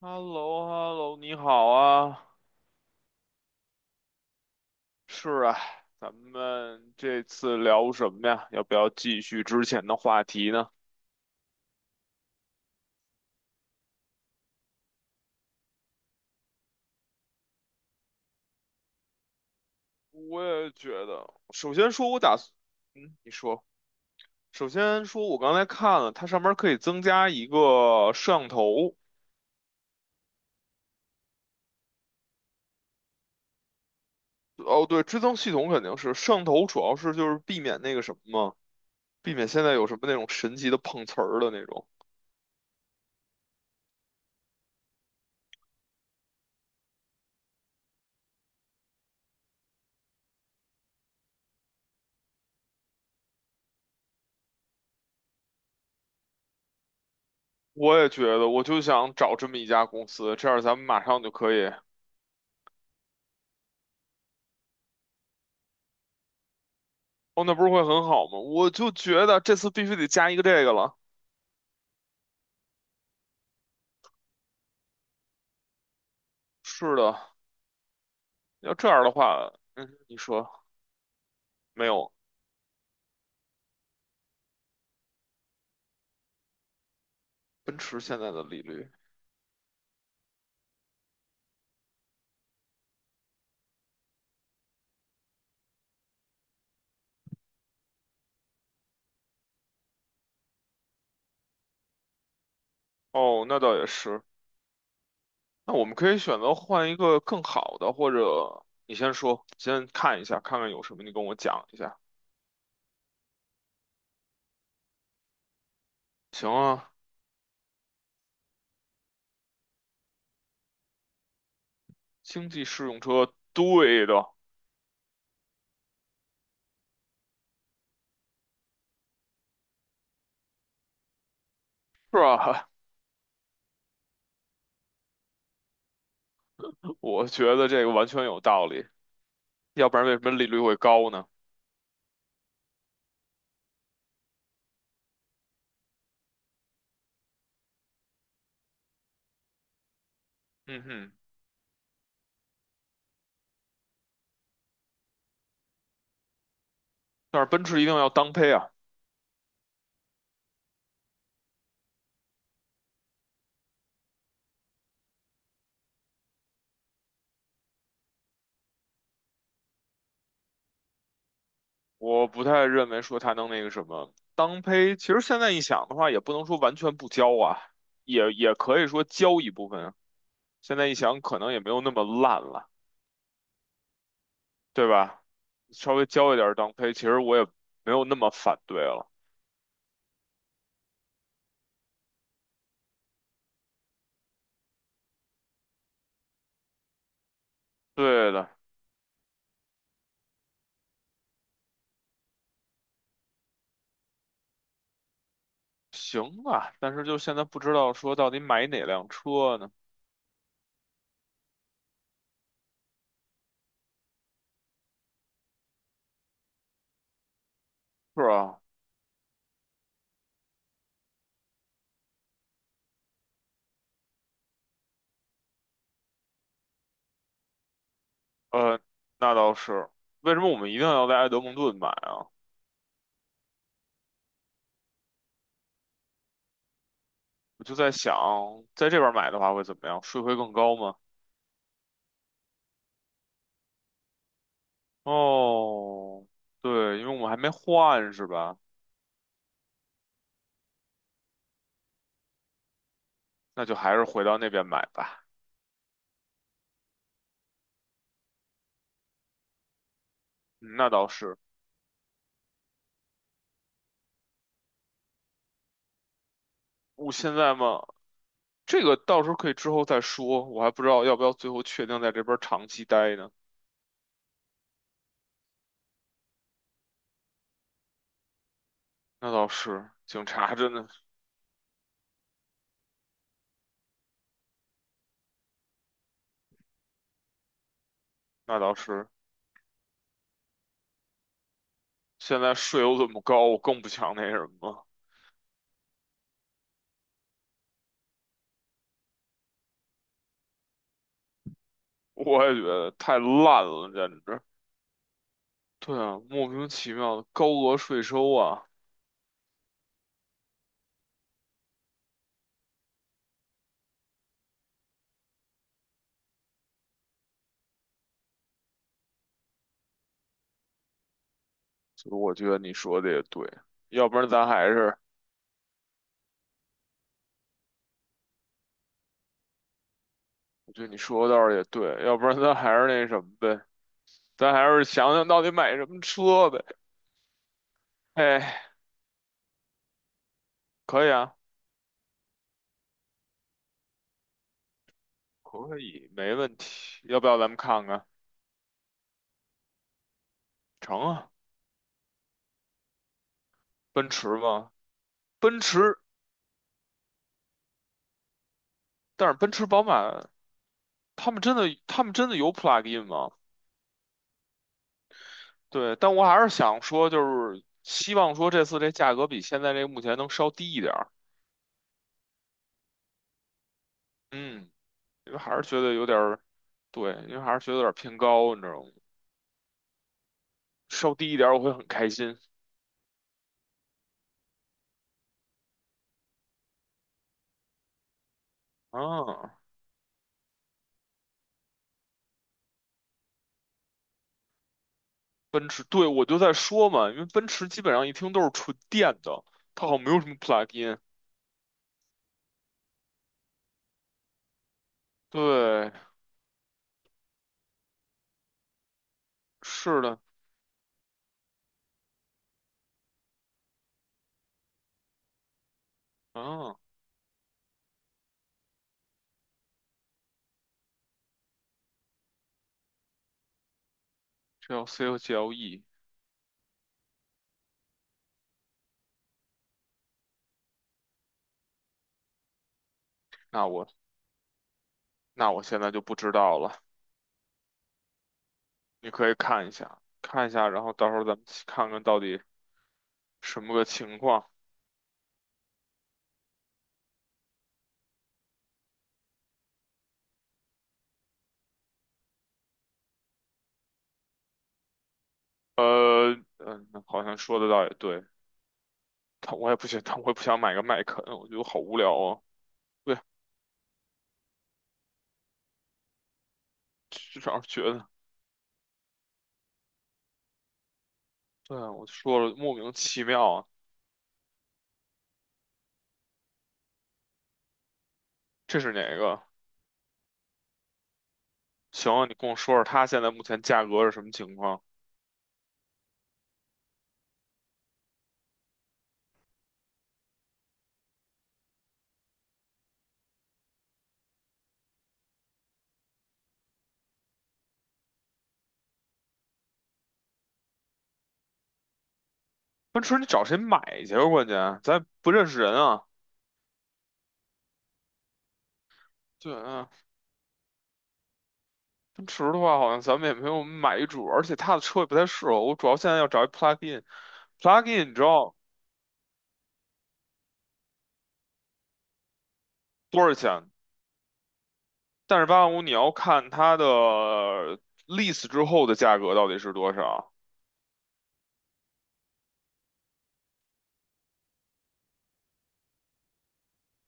h e l l o h e l l o 你好啊。是啊，咱们这次聊什么呀？要不要继续之前的话题呢？我也觉得，首先说，我打算，嗯，你说，首先说，我刚才看了，它上面可以增加一个摄像头。哦，对，追踪系统肯定是，摄像头主要是就是避免那个什么嘛，避免现在有什么那种神奇的碰瓷儿的那种。我也觉得，我就想找这么一家公司，这样咱们马上就可以。哦，那不是会很好吗？我就觉得这次必须得加一个这个了。是的，要这样的话，没有奔驰现在的利率？哦，那倒也是。那我们可以选择换一个更好的，或者你先说，先看一下，看看有什么，你跟我讲一下。行啊，经济适用车，对的，是吧？我觉得这个完全有道理，要不然为什么利率会高呢？嗯哼，但是奔驰一定要当配啊。我不太认为说他能那个什么当胚，其实现在一想的话，也不能说完全不交啊，也可以说交一部分啊。现在一想，可能也没有那么烂了，对吧？稍微交一点儿当胚，其实我也没有那么反对了。对的，行吧。但是就现在不知道说到底买哪辆车呢？是啊，呃，那倒是。为什么我们一定要在埃德蒙顿买啊？我就在想，在这边买的话会怎么样？税会更高吗？哦，对，因为我们还没换是吧？那就还是回到那边买吧。嗯那倒是，我现在嘛，这个到时候可以之后再说，我还不知道要不要最后确定在这边长期待呢。那倒是，警察真的，那倒是，现在税又这么高，我更不想那什么，我也觉得太烂了，简直。对啊，莫名其妙的高额税收啊，所以我觉得你说的也对，要不然咱还是。我觉得你说的倒是也对，要不然咱还是那什么呗，咱还是想想到底买什么车呗。哎，可以啊，可以，没问题。要不要咱们看看？成啊，奔驰吗？奔驰，但是奔驰、宝马，他们真的，他们真的有 plug-in 吗？对，但我还是想说，就是希望说这次这价格比现在这个目前能稍低一点儿。嗯，因为还是觉得有点儿，对，因为还是觉得有点儿偏高，你知道吗？稍低一点儿我会很开心。啊。奔驰，对，我就在说嘛，因为奔驰基本上一听都是纯电的，它好像没有什么 plug-in。对，是的，嗯，GLC 和 GLE,那我那我现在就不知道了，你可以看一下，看一下，然后到时候咱们去看看到底什么个情况。好像说的倒也对，但我也不行，但我也不想买个麦肯，我觉得好无聊啊。对，至少觉得，对啊，我就说了，莫名其妙啊，这是哪个？行，你跟我说说它现在目前价格是什么情况？奔驰你找谁买去啊关键咱不认识人啊。对啊，奔驰的话好像咱们也没有买一主，而且它的车也不太适合我。主要现在要找一 plug in。plug in 你知道多少钱？但是八万五你要看它的 lease 之后的价格到底是多少。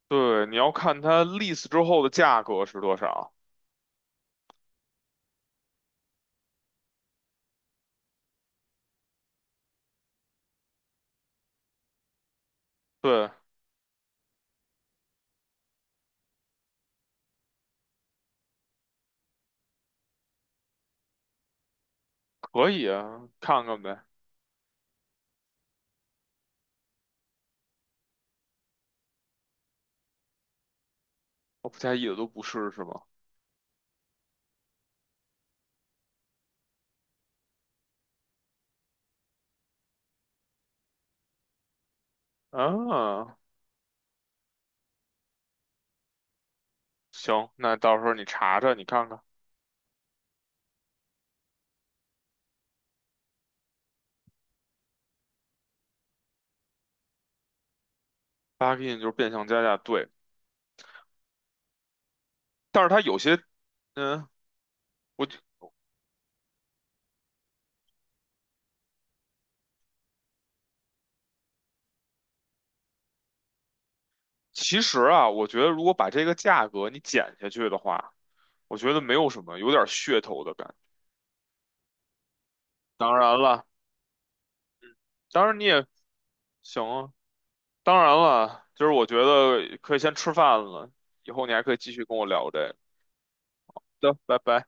对，你要看它 lease 之后的价格是多少。对，可以啊，看看呗。我不介意的都不是是吗？啊。行，那到时候你查查，你看看，plugin 就是变相加价，对。但是它有些，嗯，我其实啊，我觉得如果把这个价格你减下去的话，我觉得没有什么，有点噱头的感觉。当然了，当然你也行啊，当然了，就是我觉得可以先吃饭了，以后你还可以继续跟我聊这个。的，拜拜。